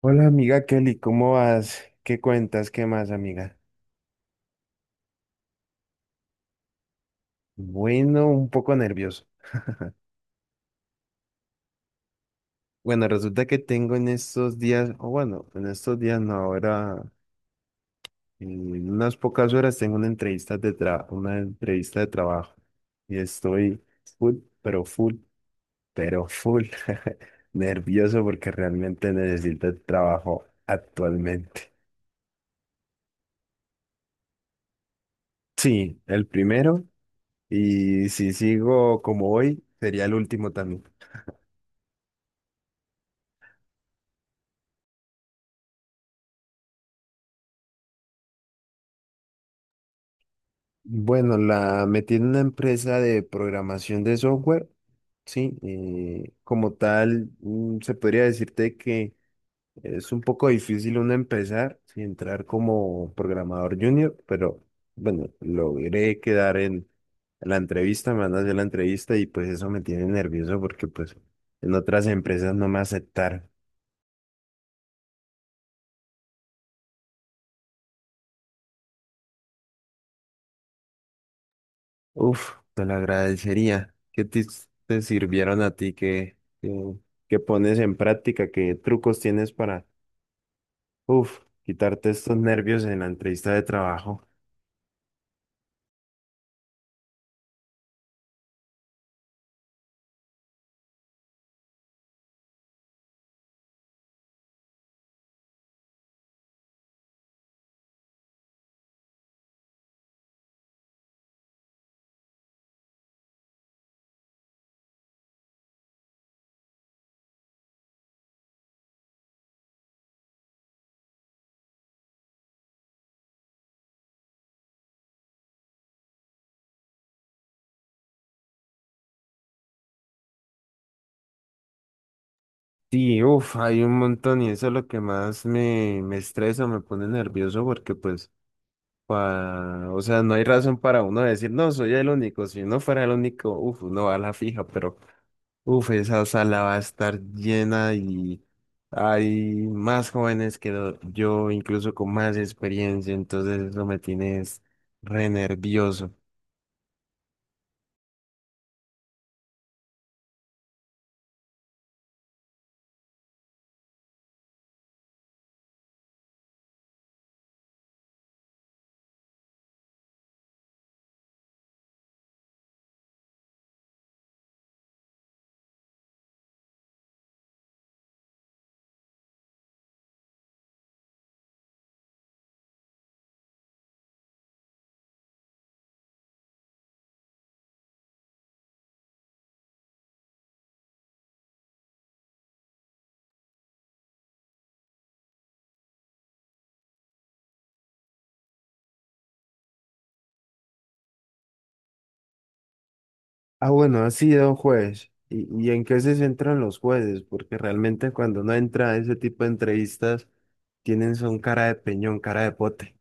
Hola amiga Kelly, ¿cómo vas? ¿Qué cuentas? ¿Qué más, amiga? Bueno, un poco nervioso. Bueno, resulta que tengo en estos días, o bueno, en estos días no, ahora en unas pocas horas tengo una una entrevista de trabajo y estoy full, pero full, pero full nervioso porque realmente necesito el trabajo actualmente. Sí, el primero, y si sigo como hoy, sería el último también. Bueno, la metí en una empresa de programación de software, sí, como tal, se podría decirte que es un poco difícil uno empezar, sí, entrar como programador junior, pero bueno, logré quedar en la entrevista, me van a hacer la entrevista y pues eso me tiene nervioso porque pues en otras empresas no me aceptaron. Uf, te lo agradecería. ¿Qué tips te sirvieron a ti? ¿Qué pones en práctica? ¿Qué trucos tienes para, uf, quitarte estos nervios en la entrevista de trabajo? Sí, uf, hay un montón y eso es lo que más me estresa, me pone nervioso porque pues, o sea, no hay razón para uno decir, no, soy el único. Si uno fuera el único, uf, uno va a la fija, pero uf, esa sala va a estar llena y hay más jóvenes que yo, incluso con más experiencia, entonces eso me tiene es re nervioso. Ah, bueno, ha sido un juez. ¿Y en qué se centran los jueces? Porque realmente cuando uno entra a ese tipo de entrevistas, tienen son cara de peñón, cara de pote.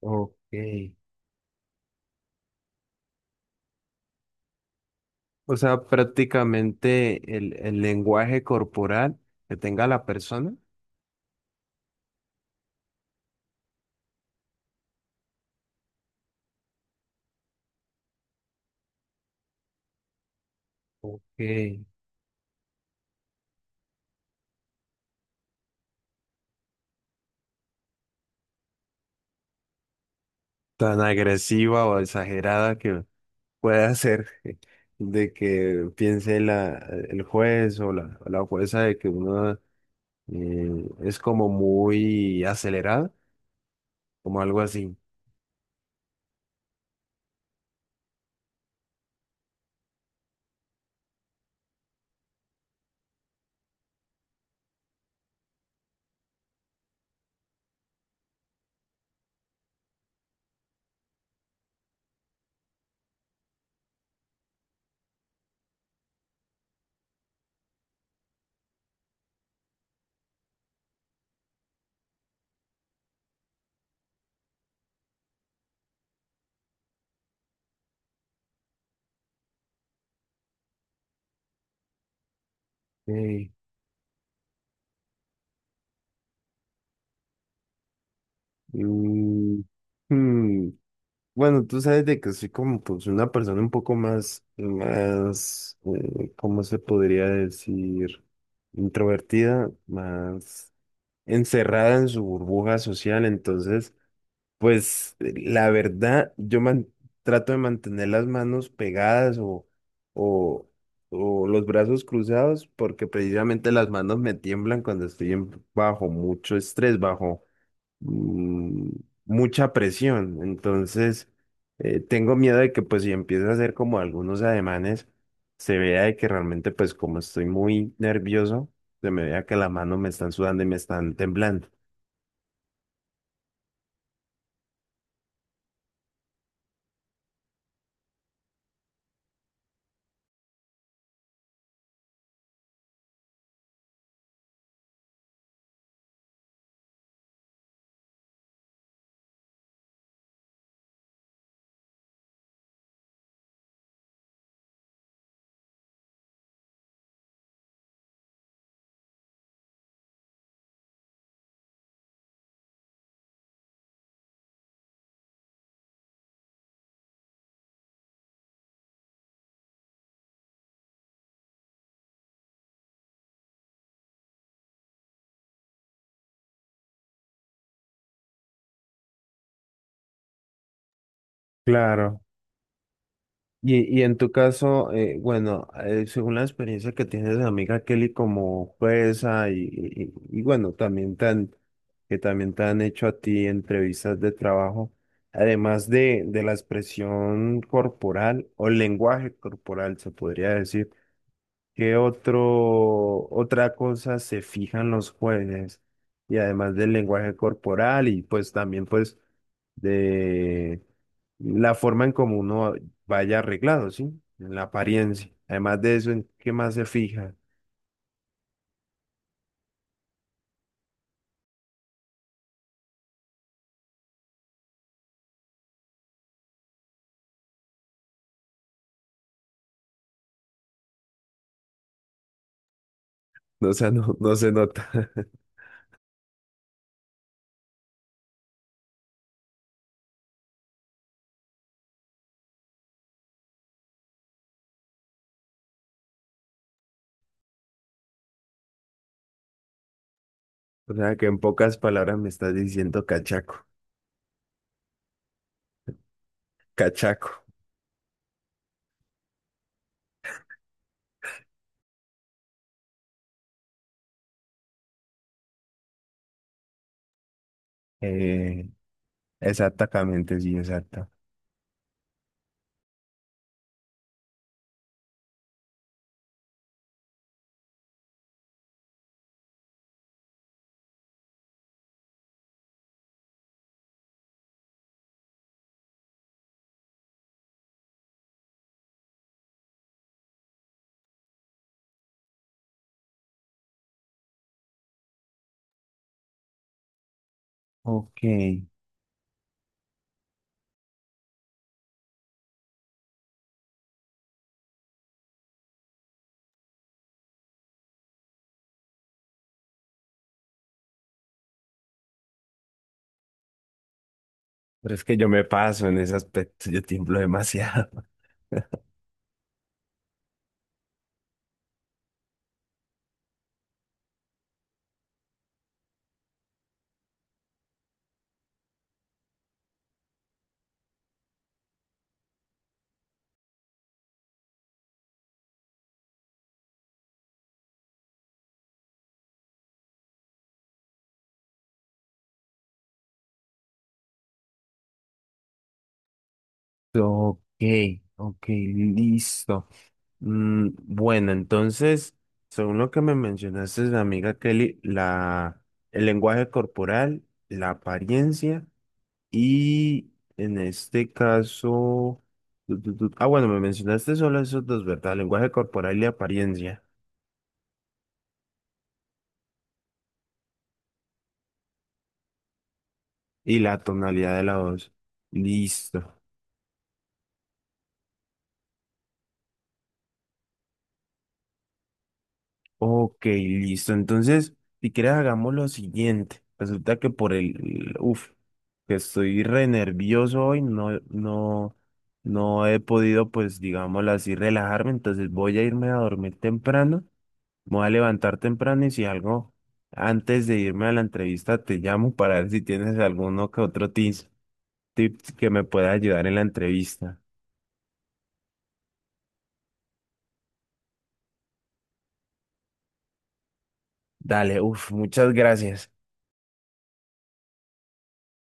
Ok. O sea, prácticamente el lenguaje corporal que tenga la persona. Ok. Tan agresiva o exagerada que puede hacer de que piense el juez o la jueza de que uno es como muy acelerada, como algo así. Eh, mm, hmm, Bueno, tú sabes de que soy como pues una persona un poco más, ¿cómo se podría decir? Introvertida, más encerrada en su burbuja social, entonces... Pues la verdad, trato de mantener las manos pegadas o, o los brazos cruzados porque precisamente las manos me tiemblan cuando bajo mucho estrés, bajo mm, mucha presión. Entonces, tengo miedo de que pues si empiezo a hacer como algunos ademanes, se vea de que realmente pues como estoy muy nervioso, se me vea que las manos me están sudando y me están temblando. Claro. Y en tu caso, bueno, según la experiencia que tienes de amiga Kelly como jueza bueno, que también te han hecho a ti entrevistas de trabajo, además de la expresión corporal o lenguaje corporal, se podría decir, otra cosa se fijan los jueces? Y además del lenguaje corporal y pues también pues de la forma en cómo uno vaya arreglado, ¿sí? En la apariencia. Además de eso, ¿en qué más se fija? No, o sea, no, no se nota. O sea, que en pocas palabras me estás diciendo cachaco. Cachaco. Eh, exactamente, sí, exacto. Ok. Pero es que yo me paso en ese aspecto, yo tiemblo demasiado. Ok, ok, listo. Mm, bueno, entonces, según lo que me mencionaste, amiga Kelly, el lenguaje corporal, la apariencia y en este caso, ah, bueno, me mencionaste solo esos dos, ¿verdad? Lenguaje corporal y apariencia y la tonalidad de la voz. Listo. Ok, listo. Entonces, si quieres, hagamos lo siguiente. Resulta que por el, uf, que estoy re nervioso hoy, no he podido, pues, digámoslo así, relajarme. Entonces voy a irme a dormir temprano, me voy a levantar temprano y si algo, antes de irme a la entrevista, te llamo para ver si tienes alguno que otro tips, tips que me pueda ayudar en la entrevista. Dale, uf, muchas gracias.